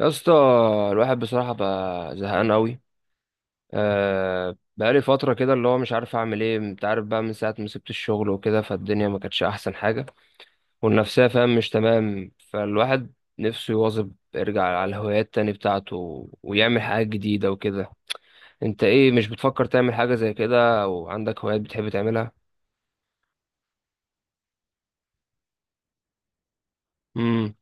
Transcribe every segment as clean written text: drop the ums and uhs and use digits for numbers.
يا اسطى، الواحد بصراحة بقى زهقان قوي. أه، بقالي فترة كده اللي هو مش عارف أعمل إيه. أنت عارف بقى من ساعة ما سبت الشغل وكده فالدنيا ما كانتش أحسن حاجة، والنفسية فاهم مش تمام. فالواحد نفسه يواظب يرجع على الهوايات تاني بتاعته ويعمل حاجات جديدة وكده. أنت إيه، مش بتفكر تعمل حاجة زي كده أو عندك هوايات بتحب تعملها؟ امم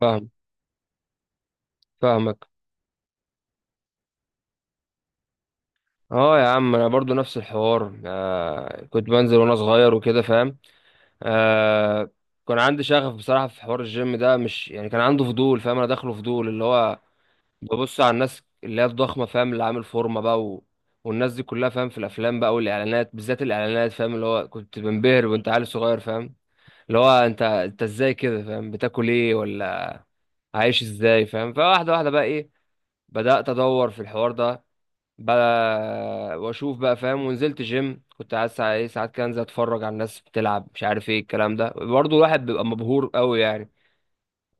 فاهم، فاهمك. اه يا عم، انا برضو نفس الحوار. آه كنت بنزل وانا صغير وكده فاهم. آه، كان عندي شغف بصراحة في حوار الجيم ده. مش يعني كان عنده فضول، فاهم انا داخله فضول اللي هو ببص على الناس اللي هي الضخمة فاهم، اللي عامل فورمة بقى و... والناس دي كلها، فاهم، في الافلام بقى والاعلانات، بالذات الاعلانات فاهم، اللي هو كنت بنبهر وانت عيل صغير فاهم، اللي هو انت ازاي كده فاهم، بتاكل ايه ولا عايش ازاي فاهم. فواحدة واحدة بقى ايه، بدأت ادور في الحوار ده بقى واشوف بقى فاهم. ونزلت جيم، كنت عايز ساعات إيه، ساعات كده انزل اتفرج على الناس بتلعب، مش عارف ايه الكلام ده. برضه الواحد بيبقى مبهور قوي يعني.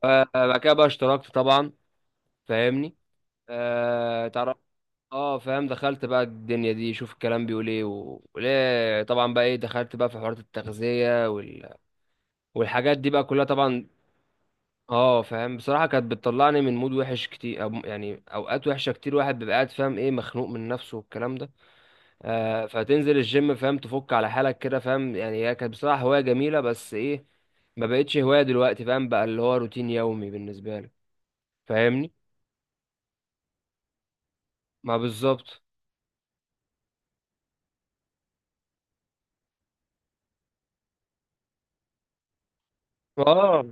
ف- بعد كده بقى اشتركت طبعا، فاهمني. آه تعرف، اه فاهم. دخلت بقى الدنيا دي، شوف الكلام بيقول ايه وليه، طبعا بقى ايه دخلت بقى في حوارات التغذية والحاجات دي بقى كلها طبعا. اه فاهم، بصراحة كانت بتطلعني من مود وحش كتير، أو يعني اوقات وحشة كتير. واحد بيبقى قاعد فاهم ايه مخنوق من نفسه والكلام ده. فتنزل الجيم فاهم، تفك على حالك كده فاهم. يعني هي كانت بصراحة هواية جميلة، بس ايه، ما بقتش هواية دلوقتي فاهم. بقى اللي هو روتين يومي بالنسبة لي، فاهمني. ما بالظبط. اه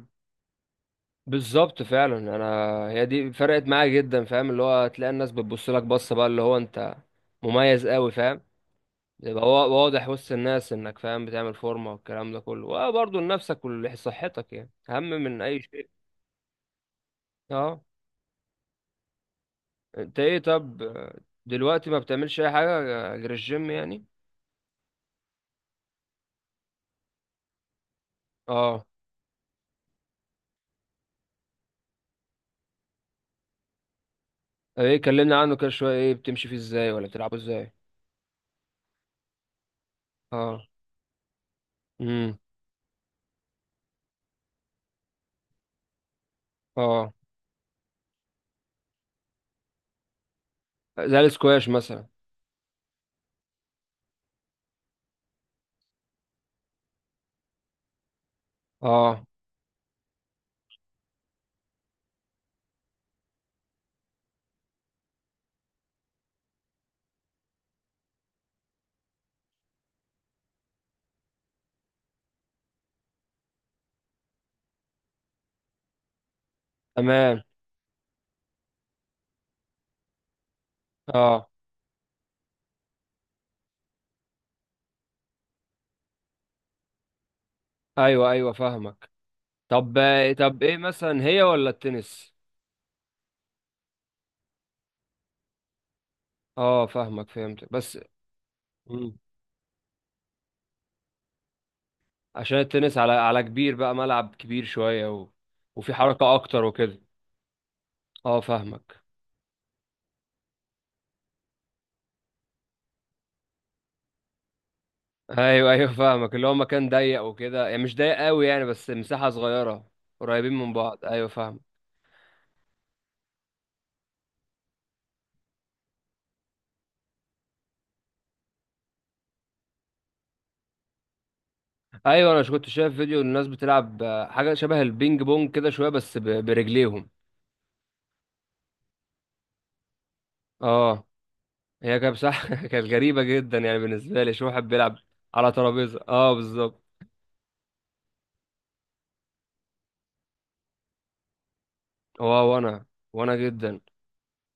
بالظبط فعلا. انا هي دي فرقت معايا جدا فاهم، اللي هو تلاقي الناس بتبص لك بصة بقى اللي هو انت مميز قوي فاهم، يبقى واضح وسط الناس انك فاهم بتعمل فورمة والكلام ده كله. وبرضه لنفسك ولصحتك يعني اهم من اي شيء. اه. انت ايه طب، دلوقتي ما بتعملش اي حاجه غير الجيم يعني؟ اه. ايه، كلمنا عنه كده شويه، ايه بتمشي فيه ازاي ولا بتلعبه ازاي؟ اه، امم، اه، زي السكواش مثلا. اه تمام. اه ايوه ايوه فاهمك. طب ايه، طب ايه مثلا، هي ولا التنس؟ اه فاهمك، فهمت. بس مم. عشان التنس على كبير بقى، ملعب كبير شويه و... وفي حركه اكتر وكده. اه فاهمك. ايوه ايوه فاهمك، اللي هو مكان ضيق وكده، يعني مش ضيق قوي يعني، بس مساحه صغيره، قريبين من بعض. ايوه فاهم. ايوه انا مش كنت شايف فيديو الناس بتلعب. آه، حاجه شبه البينج بونج كده شويه، بس برجليهم. اه، هي كانت بصراحه كانت غريبه جدا يعني بالنسبه لي، شو واحد بيلعب على ترابيزه. اه بالظبط. اه وانا جدا.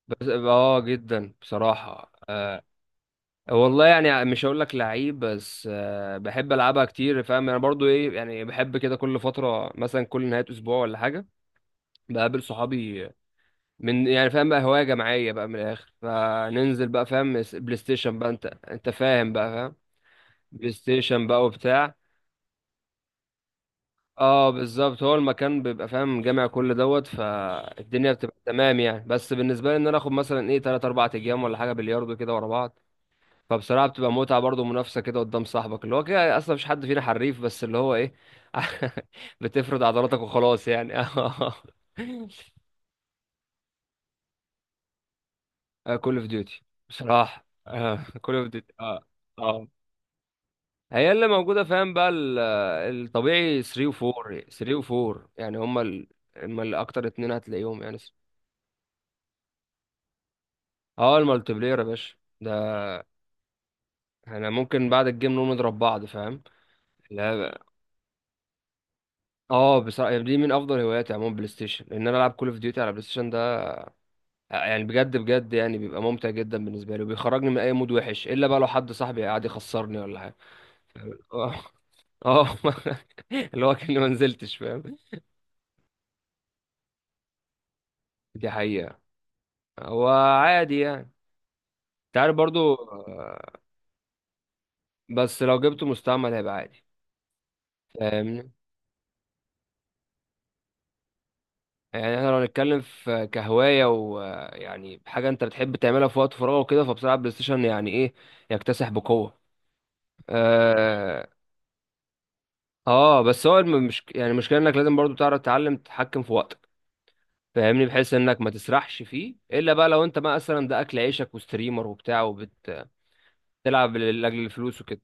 بس اه جدا بصراحه. آه، والله يعني مش هقول لك لعيب، بس آه، بحب العبها كتير فاهم. انا برضو ايه يعني بحب كده، كل فتره مثلا كل نهايه اسبوع ولا حاجه بقابل صحابي. من يعني فاهم بقى هوايه جماعيه بقى، من الاخر فننزل بقى فاهم بلاي ستيشن بقى. انت فاهم بقى، فاهم. بلاي ستيشن بقى وبتاع. اه بالظبط، هو المكان بيبقى فاهم جامع كل دوت. فالدنيا بتبقى تمام يعني. بس بالنسبه لي ان انا اخد مثلا ايه 3 4 ايام ولا حاجه بلياردو كده ورا بعض. فبصراحة بتبقى متعة برضه، منافسة كده قدام صاحبك، اللي هو كده أصلا مفيش حد فينا حريف، بس اللي هو إيه بتفرد عضلاتك وخلاص يعني. كول أوف ديوتي بصراحة. كول أوف ديوتي اه. اه، هي اللي موجودة فاهم بقى الطبيعي 3 و 4. يعني هما ال... هما الأكتر اتنين هتلاقيهم يعني. اه المالتي بلاير يا باشا ده. احنا ممكن بعد الجيم نقوم نضرب بعض فاهم. لا. اه بصراحة يعني دي من أفضل هواياتي عموما، بلاي ستيشن. لأن أنا ألعب كول أوف ديوتي على بلاي ستيشن. آه، يعني بجد بجد يعني بيبقى ممتع جدا بالنسبه لي، وبيخرجني من اي مود وحش، الا بقى لو حد صاحبي قاعد يخسرني ولا حاجه. اه. آه. اللي هو كأني ما نزلتش فاهم. دي حقيقه. هو عادي يعني، انت عارف برضو. آه، بس لو جبته مستعمل هيبقى عادي، فاهمني. يعني احنا لو نتكلم في كهوايه، ويعني حاجه انت بتحب تعملها في وقت فراغك وكده، فبصراحه البلاي ستيشن يعني ايه، يكتسح بقوه. اه. آه، بس هو مش يعني المشكله انك لازم برضو تعرف تتعلم تتحكم في وقتك، فاهمني، بحيث انك ما تسرحش فيه، الا بقى لو انت بقى مثلا ده اكل عيشك وستريمر وبتاع وبتلعب لاجل الفلوس وكده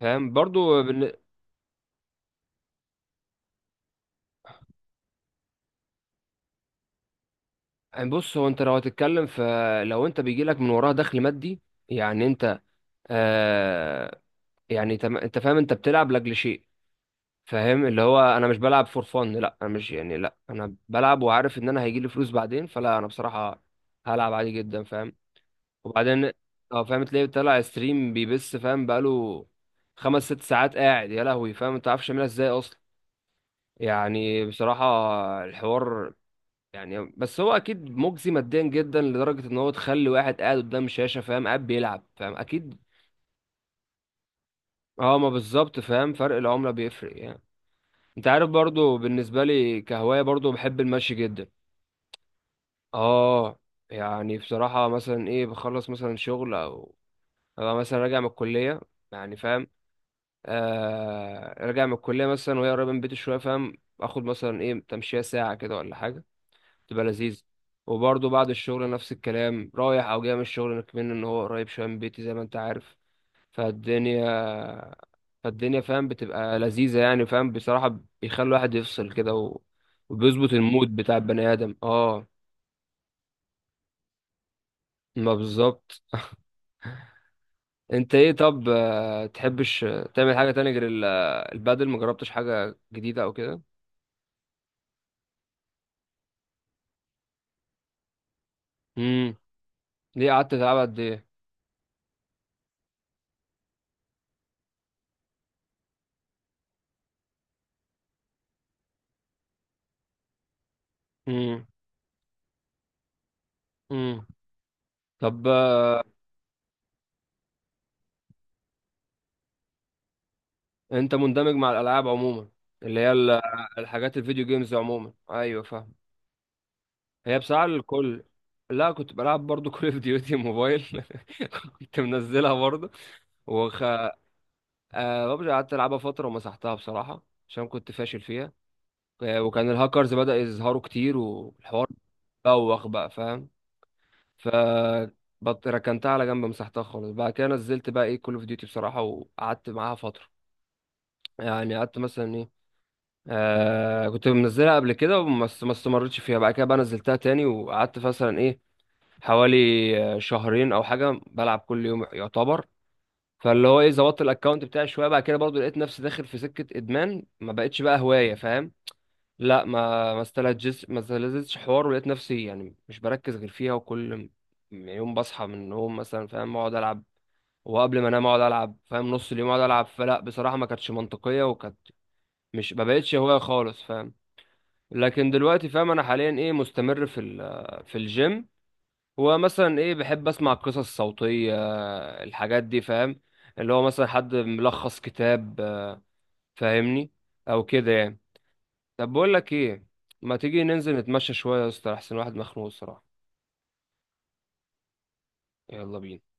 فاهم. برضو يعني بص هو، انت لو هتتكلم، فلو انت بيجي لك من وراها دخل مادي يعني انت، آه، يعني انت فاهم انت بتلعب لاجل شيء فاهم. اللي هو انا مش بلعب فور فن. لا انا مش يعني، لا انا بلعب وعارف ان انا هيجي لي فلوس بعدين، فلا انا بصراحة هلعب عادي جدا فاهم. وبعدين اه فاهم تلاقيه طلع ستريم بيبث فاهم، بقاله خمس ست ساعات قاعد. يا لهوي فاهم، انت عارفش يعملها ازاي اصلا، يعني بصراحة الحوار. يعني بس هو اكيد مجزي ماديا جدا، لدرجة ان هو تخلي واحد قاعد قدام شاشة فاهم قاعد بيلعب فاهم، اكيد. اه ما بالظبط فاهم، فرق العملة بيفرق يعني. انت عارف برضو بالنسبة لي كهواية برضو، بحب المشي جدا. اه. يعني بصراحة مثلا ايه، بخلص مثلا شغل، او أبقى مثلا راجع من الكلية، يعني فاهم. آه راجع من الكلية مثلا، وهي قريبة من بيتي شوية فاهم، اخد مثلا ايه تمشية ساعة كده ولا حاجة، تبقى لذيذ. وبرضه بعد الشغل نفس الكلام، رايح او جاي من الشغل كمان، ان هو قريب شوية من بيتي زي ما انت عارف. فالدنيا فالدنيا فاهم بتبقى لذيذة يعني فاهم، بصراحة بيخلي الواحد يفصل كده و... وبيظبط المود بتاع البني آدم. اه ما بالظبط. انت ايه طب، آه، تحبش تعمل حاجة تانية غير البادل؟ مجربتش حاجة جديدة او كده؟ ليه، قعدت تلعب قد ايه؟ امم. امم. طب آه، انت مندمج مع الالعاب عموما، اللي هي الحاجات الفيديو جيمز عموما؟ ايوه فاهم. هي بصراحه الكل. لا كنت بلعب برضو كول اوف ديوتي موبايل. كنت منزلها برضو. وخ آه، ببجي قعدت العبها فتره ومسحتها بصراحه عشان كنت فاشل فيها. آه، وكان الهاكرز بدأ يظهروا كتير والحوار بوخ بقى فاهم. ف ركنتها على جنب، مسحتها خالص. بعد كده نزلت بقى ايه كول اوف ديوتي بصراحه، وقعدت معاها فتره، يعني قعدت مثلا ايه. آه كنت منزلها قبل كده بس ما استمرتش فيها، بعد كده بقى نزلتها تاني وقعدت مثلا ايه حوالي آه، شهرين او حاجه بلعب كل يوم يعتبر. فاللي هو ايه، ظبطت الاكونت بتاعي شويه. بعد كده برضو لقيت نفسي داخل في سكه ادمان، ما بقتش بقى هوايه فاهم. لا ما استلذتش، ما استلذتش حوار. ولقيت نفسي يعني مش بركز غير فيها، وكل يوم بصحى من النوم مثلا فاهم اقعد العب، وقبل ما انام اقعد العب فاهم، نص اليوم اقعد العب. فلا بصراحه ما كانتش منطقيه، وكانت مش، ما بقتش هوايه خالص فاهم. لكن دلوقتي فاهم انا حاليا ايه، مستمر في في الجيم. ومثلا ايه بحب اسمع قصص صوتيه، الحاجات دي فاهم، اللي هو مثلا حد ملخص كتاب. آه، فاهمني، او كده يعني. طب بقول لك ايه، ما تيجي ننزل نتمشى شويه يا اسطى؟ احسن واحد مخنوق الصراحه. يلا بينا.